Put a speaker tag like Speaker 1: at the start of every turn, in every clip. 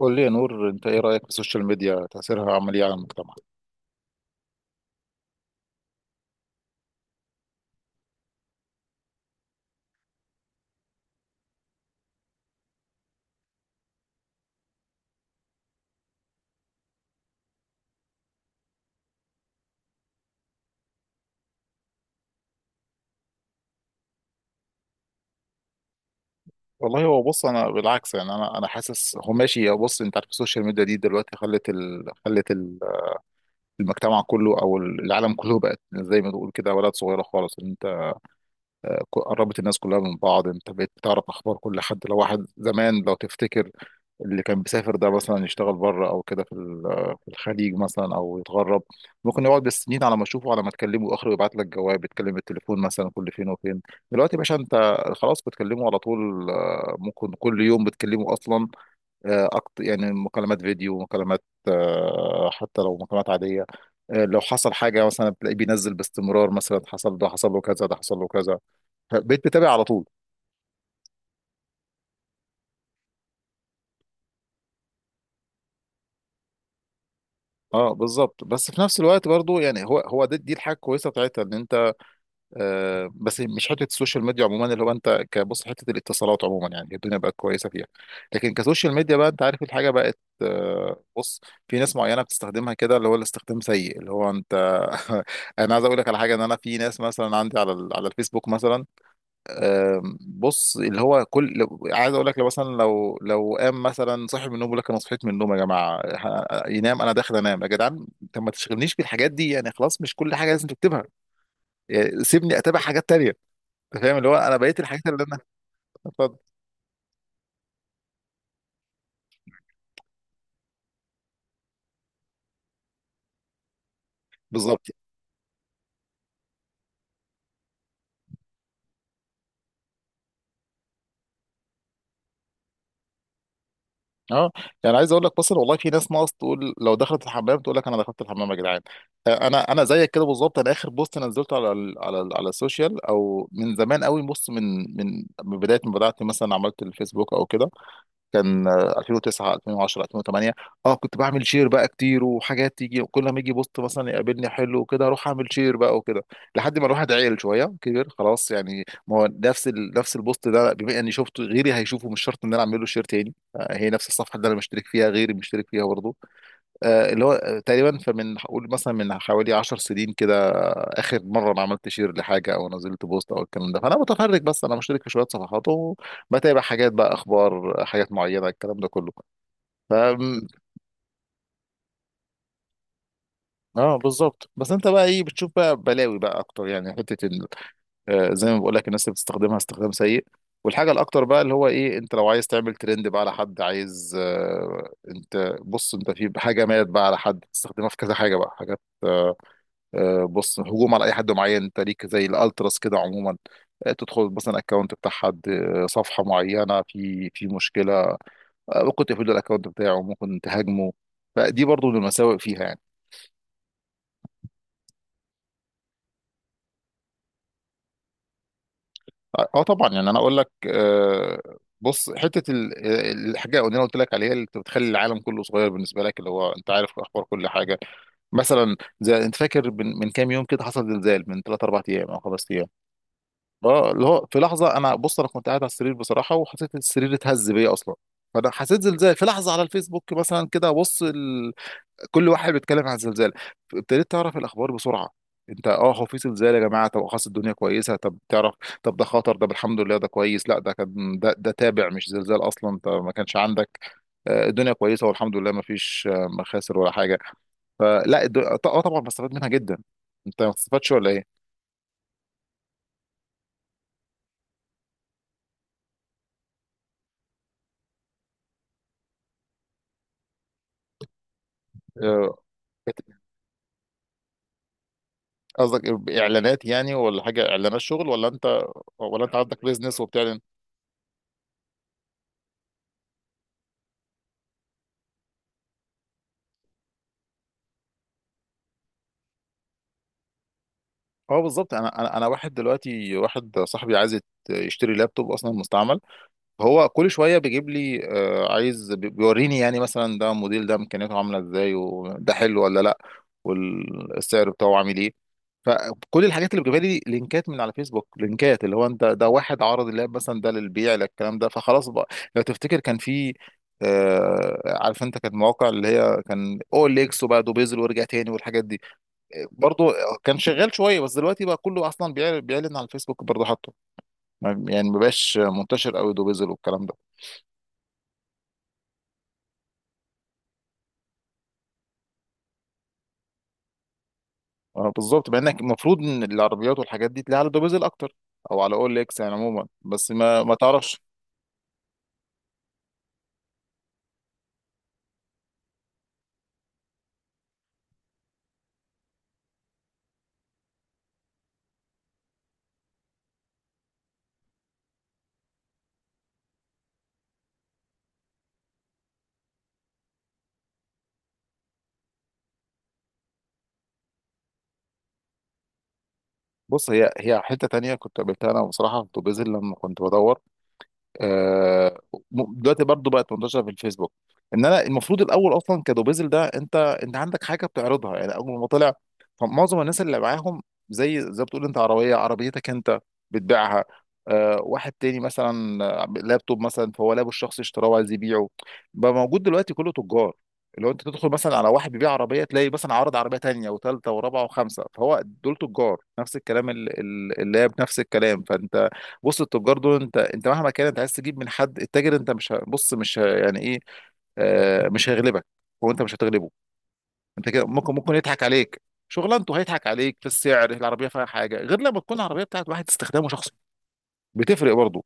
Speaker 1: قول لي يا نور، انت ايه رايك في السوشيال ميديا؟ تاثيرها عامل ايه على المجتمع؟ والله هو بص انا بالعكس، يعني انا حاسس هو ماشي. هو بص، انت عارف السوشيال ميديا دي دلوقتي المجتمع كله او العالم كله بقت زي ما تقول كده ولد صغيره خالص. انت قربت الناس كلها من بعض، انت بقيت بتعرف اخبار كل حد. لو واحد زمان، لو تفتكر، اللي كان بيسافر ده مثلا يشتغل بره او كده في الخليج مثلا او يتغرب، ممكن يقعد بالسنين على ما اشوفه، على ما تكلمه، اخر يبعت لك جواب، يتكلم بالتليفون مثلا كل فين وفين. دلوقتي يا باشا انت خلاص بتكلمه على طول، ممكن كل يوم بتكلمه اصلا. يعني مكالمات فيديو، مكالمات، حتى لو مكالمات عادية. لو حصل حاجة مثلا بتلاقيه بينزل باستمرار، مثلا حصل ده، حصل له كذا، ده حصل له كذا. بقيت بتابع على طول. اه بالظبط، بس في نفس الوقت برضو، يعني هو ده دي الحاجه الكويسه بتاعتها ان انت. آه بس مش حته السوشيال ميديا عموما، اللي هو انت كبص حته الاتصالات عموما، يعني الدنيا بقت كويسه فيها. لكن كسوشيال ميديا بقى، انت عارف الحاجه بقت، آه بص، في ناس معينه بتستخدمها كده اللي هو الاستخدام سيء اللي هو انت. انا عايز اقول لك على حاجه، ان انا في ناس مثلا عندي على الفيسبوك مثلا. بص اللي هو كل عايز اقول لك، لو مثلا لو قام مثلا صاحب من النوم بيقول لك انا صحيت من النوم يا جماعه، ينام، انا داخل انام يا جدعان. طب ما تشغلنيش بالحاجات دي يعني، خلاص مش كل حاجه لازم تكتبها. يعني سيبني اتابع حاجات تانية. انت فاهم اللي هو انا بقيت الحاجات اللي انا. اتفضل. بالظبط. اه يعني عايز اقول لك مثلا، والله في ناس ناقص تقول لو دخلت الحمام تقول لك انا دخلت الحمام يا جدعان. انا زيك كده بالظبط. انا اخر بوست نزلته على السوشيال او من زمان قوي. بص من بدايه ما بدات، مثلا عملت الفيسبوك او كده، كان 2009 2010 2008. اه كنت بعمل شير بقى كتير وحاجات تيجي، كل ما يجي بوست مثلا يقابلني حلو وكده اروح اعمل شير بقى وكده، لحد ما الواحد عيل شويه كبر خلاص. يعني ما هو نفس البوست ده بما اني شفته غيري هيشوفه، مش شرط ان انا اعمل له شير تاني. هي نفس الصفحه اللي انا مشترك فيها غيري مشترك فيها برضه. آه، اللي هو آه، تقريبا فمن هقول مثلا من حوالي 10 سنين كده اخر مره انا عملت شير لحاجه او نزلت بوست او الكلام ده. فانا متفرج بس، انا مشترك في شويه صفحات وبتابع حاجات بقى، اخبار حاجات معينه، الكلام ده كله. ف اه بالظبط، بس انت بقى ايه بتشوف بقى بلاوي بقى اكتر، يعني حته ال... زي ما بقول لك الناس اللي بتستخدمها استخدام سيء. والحاجه الاكتر بقى اللي هو ايه، انت لو عايز تعمل ترند بقى على حد، عايز، انت بص انت في حاجه مالت بقى على حد تستخدمها في كذا حاجه بقى، حاجات، بص، هجوم على اي حد معين، انت ليك زي الالتراس كده عموما. تدخل مثلا اكونت بتاع حد، صفحه معينه في مشكله، ممكن تقفلوا الاكونت بتاعه، ممكن تهاجمه. فدي برضو من المساوئ فيها يعني. اه آه طبعا، يعني انا اقول لك، بص حته الحاجه اللي انا قلت لك عليها، اللي بتخلي العالم كله صغير بالنسبه لك، اللي هو انت عارف اخبار كل حاجه. مثلا زي انت فاكر من كام يوم كده حصل زلزال من 3 4 ايام او 5 ايام. اه اللي هو في لحظه، انا بص انا كنت قاعد على السرير بصراحه وحسيت إن السرير اتهز بيا اصلا. فانا حسيت زلزال في لحظه. على الفيسبوك مثلا كده بص ال... كل واحد بيتكلم عن الزلزال. ابتديت تعرف الاخبار بسرعه. انت اه هو في زلزال يا جماعه، طب خلاص الدنيا كويسه، طب تعرف، طب ده خطر، ده الحمد لله ده كويس، لا ده كان ده تابع مش زلزال اصلا، انت ما كانش عندك، الدنيا كويسه والحمد لله، ما فيش مخاسر ولا حاجه. فلا الد- اه طبعا بستفاد منها جدا. انت ما بتستفادش ولا ايه؟ آه، قصدك اعلانات يعني، ولا حاجه، اعلانات شغل، ولا انت، ولا انت عندك بيزنس وبتعلن؟ اه بالظبط. انا واحد دلوقتي، واحد صاحبي عايز يشتري لابتوب اصلا مستعمل. هو كل شويه بيجيب لي، عايز بيوريني يعني مثلا ده موديل، ده امكانياته عامله ازاي، وده حلو ولا لا، والسعر بتاعه عامل ايه. فكل الحاجات اللي بتجيبها لي لينكات من على فيسبوك، لينكات اللي هو انت ده واحد عرض اللاب مثلا ده للبيع للكلام ده، فخلاص بقى. لو تفتكر كان في، آه عارف انت، كانت مواقع اللي هي كان اول اكس وبقى دوبيزل وارجع تاني والحاجات دي. برضو كان شغال شويه بس دلوقتي بقى كله اصلا بيعلن على الفيسبوك برضو حاطه. يعني ما بقاش منتشر قوي دوبيزل والكلام ده. بالظبط، مع انك المفروض ان العربيات والحاجات دي تلاقيها على دوبيزل اكتر او على اول اكس يعني عموما، بس ما تعرفش. بص هي حته تانية كنت قابلتها انا بصراحه في دوبيزل لما كنت بدور. آه، دلوقتي برضو بقت منتشره في الفيسبوك. ان انا المفروض الاول اصلا كدوبيزل ده، انت انت عندك حاجه بتعرضها يعني، اول ما طلع فمعظم الناس اللي معاهم زي ما بتقول، انت عربيه عربيتك انت بتبيعها. واحد تاني مثلا، لابتوب مثلا فهو لابه الشخصي اشتراه وعايز يبيعه. بقى موجود دلوقتي كله تجار. لو انت تدخل مثلا على واحد بيبيع عربيه تلاقي مثلا عارض عربيه تانيه وثالثه ورابعه وخمسه، فهو دول تجار. نفس الكلام اللاب نفس الكلام. فانت بص التجار دول انت مهما كان انت عايز تجيب من حد التاجر، انت مش ه- بص مش ه- يعني ايه، آه مش هيغلبك، هو انت مش هتغلبه. انت كده ممكن يضحك عليك. شغلانته هيضحك عليك في السعر، العربيه فيها حاجه غير لما تكون العربيه بتاعت واحد استخدامه شخصي، بتفرق برضه.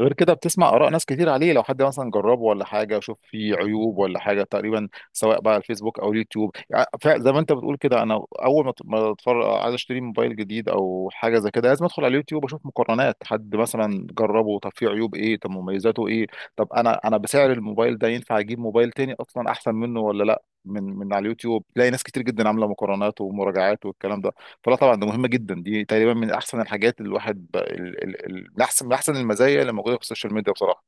Speaker 1: غير كده بتسمع آراء ناس كتير عليه، لو حد مثلا جربه ولا حاجة، شوف فيه عيوب ولا حاجة تقريبا، سواء بقى على الفيسبوك أو اليوتيوب. يعني زي ما أنت بتقول كده، أنا أول ما أتفرج عايز أشتري موبايل جديد أو حاجة زي كده، لازم أدخل على اليوتيوب أشوف مقارنات حد مثلا جربه، طب فيه عيوب إيه، طب مميزاته إيه، طب أنا بسعر الموبايل ده ينفع أجيب موبايل تاني أصلا أحسن منه ولا لأ. من على اليوتيوب تلاقي ناس كتير جدا عاملة مقارنات ومراجعات والكلام ده. فلا طبعا ده مهم جدا، دي تقريبا من احسن الحاجات اللي الواحد ب... ال... ال... ال... من احسن المزايا اللي موجوده في السوشيال ميديا بصراحه.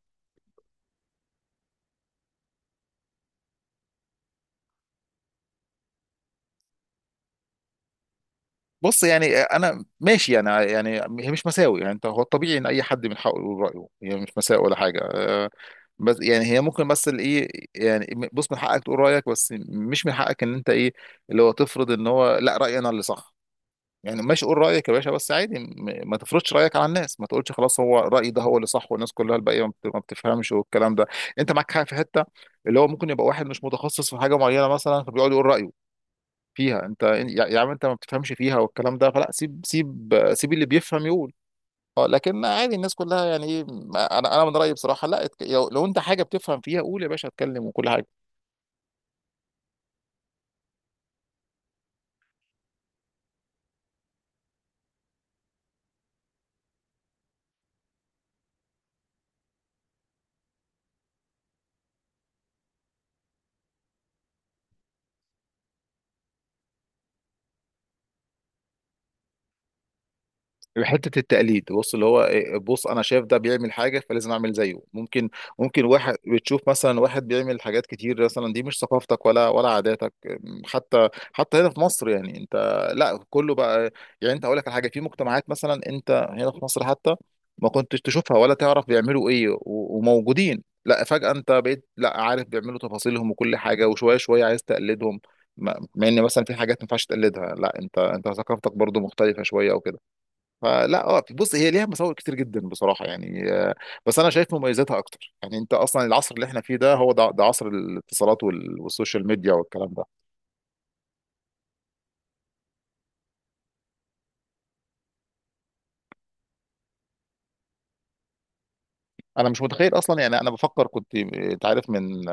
Speaker 1: بص، يعني انا ماشي يعني، هي مش مساوي يعني. انت هو الطبيعي ان اي حد من حقه يقول رايه، هي مش مساوي ولا حاجه، بس يعني هي ممكن، بس الايه، يعني بص من حقك تقول رايك، بس مش من حقك ان انت ايه، اللي هو تفرض ان هو لا رايي انا اللي صح. يعني ماشي قول رأيك يا باشا، بس عادي ما تفرضش رأيك على الناس، ما تقولش خلاص هو رأيي ده هو اللي صح والناس كلها الباقية ما بتفهمش والكلام ده. انت معاك حاجة في حتة، اللي هو ممكن يبقى واحد مش متخصص في حاجة معينة مثلا فبيقعد يقول رأيه فيها، انت يا عم انت ما بتفهمش فيها والكلام ده. فلا سيب سيب سيب، اللي بيفهم يقول. اه لكن عادي الناس كلها يعني ايه، انا من رأيي بصراحة، لا لو انت حاجة بتفهم فيها قول يا باشا، اتكلم وكل حاجة. حته التقليد بص اللي هو إيه، بص انا شايف ده بيعمل حاجه فلازم اعمل زيه. ممكن، ممكن واحد بتشوف مثلا واحد بيعمل حاجات كتير مثلا، دي مش ثقافتك ولا عاداتك، حتى هنا في مصر يعني انت. لا كله بقى، يعني انت اقول لك على حاجه، في مجتمعات مثلا انت هنا في مصر حتى ما كنتش تشوفها ولا تعرف بيعملوا ايه وموجودين، لا فجاه انت بقيت لا عارف بيعملوا تفاصيلهم وكل حاجه، وشويه شويه عايز تقلدهم. مع ان مثلا في حاجات ما ينفعش تقلدها، لا انت ثقافتك برضو مختلفه شويه او كده. فلا اه بص هي ليها مساوئ كتير جدا بصراحه يعني، بس انا شايف مميزاتها اكتر. يعني انت اصلا العصر اللي احنا فيه ده هو ده عصر الاتصالات والسوشيال ميديا والكلام ده. انا مش متخيل اصلا يعني، انا بفكر كنت، انت عارف من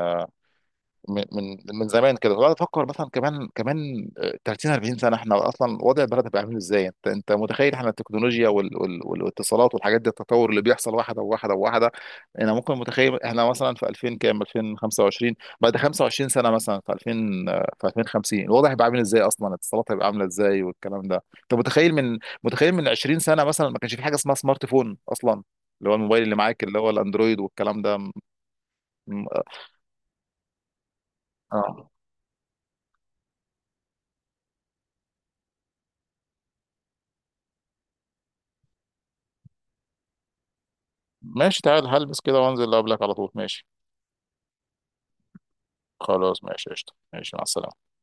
Speaker 1: من من من زمان كده وقعد افكر مثلا كمان كمان 30 40 سنه، احنا اصلا وضع البلد هيبقى عامل ازاي؟ انت متخيل احنا التكنولوجيا والاتصالات والحاجات دي، التطور اللي بيحصل واحده وواحده وواحده؟ انا ممكن متخيل احنا مثلا في 2000 كام، 2025، بعد 25 سنه مثلا في 2000، في 2050 الوضع هيبقى عامل ازاي اصلا؟ الاتصالات هيبقى عامله ازاي والكلام ده؟ انت متخيل من 20 سنه مثلا ما كانش في حاجه اسمها سمارت فون اصلا؟ اللي هو الموبايل اللي معاك اللي هو الاندرويد والكلام ده. م- اه ماشي، تعال هلبس كده وانزل قبلك على طول، ماشي. خلاص ماشي قشطة، ماشي مع السلامة.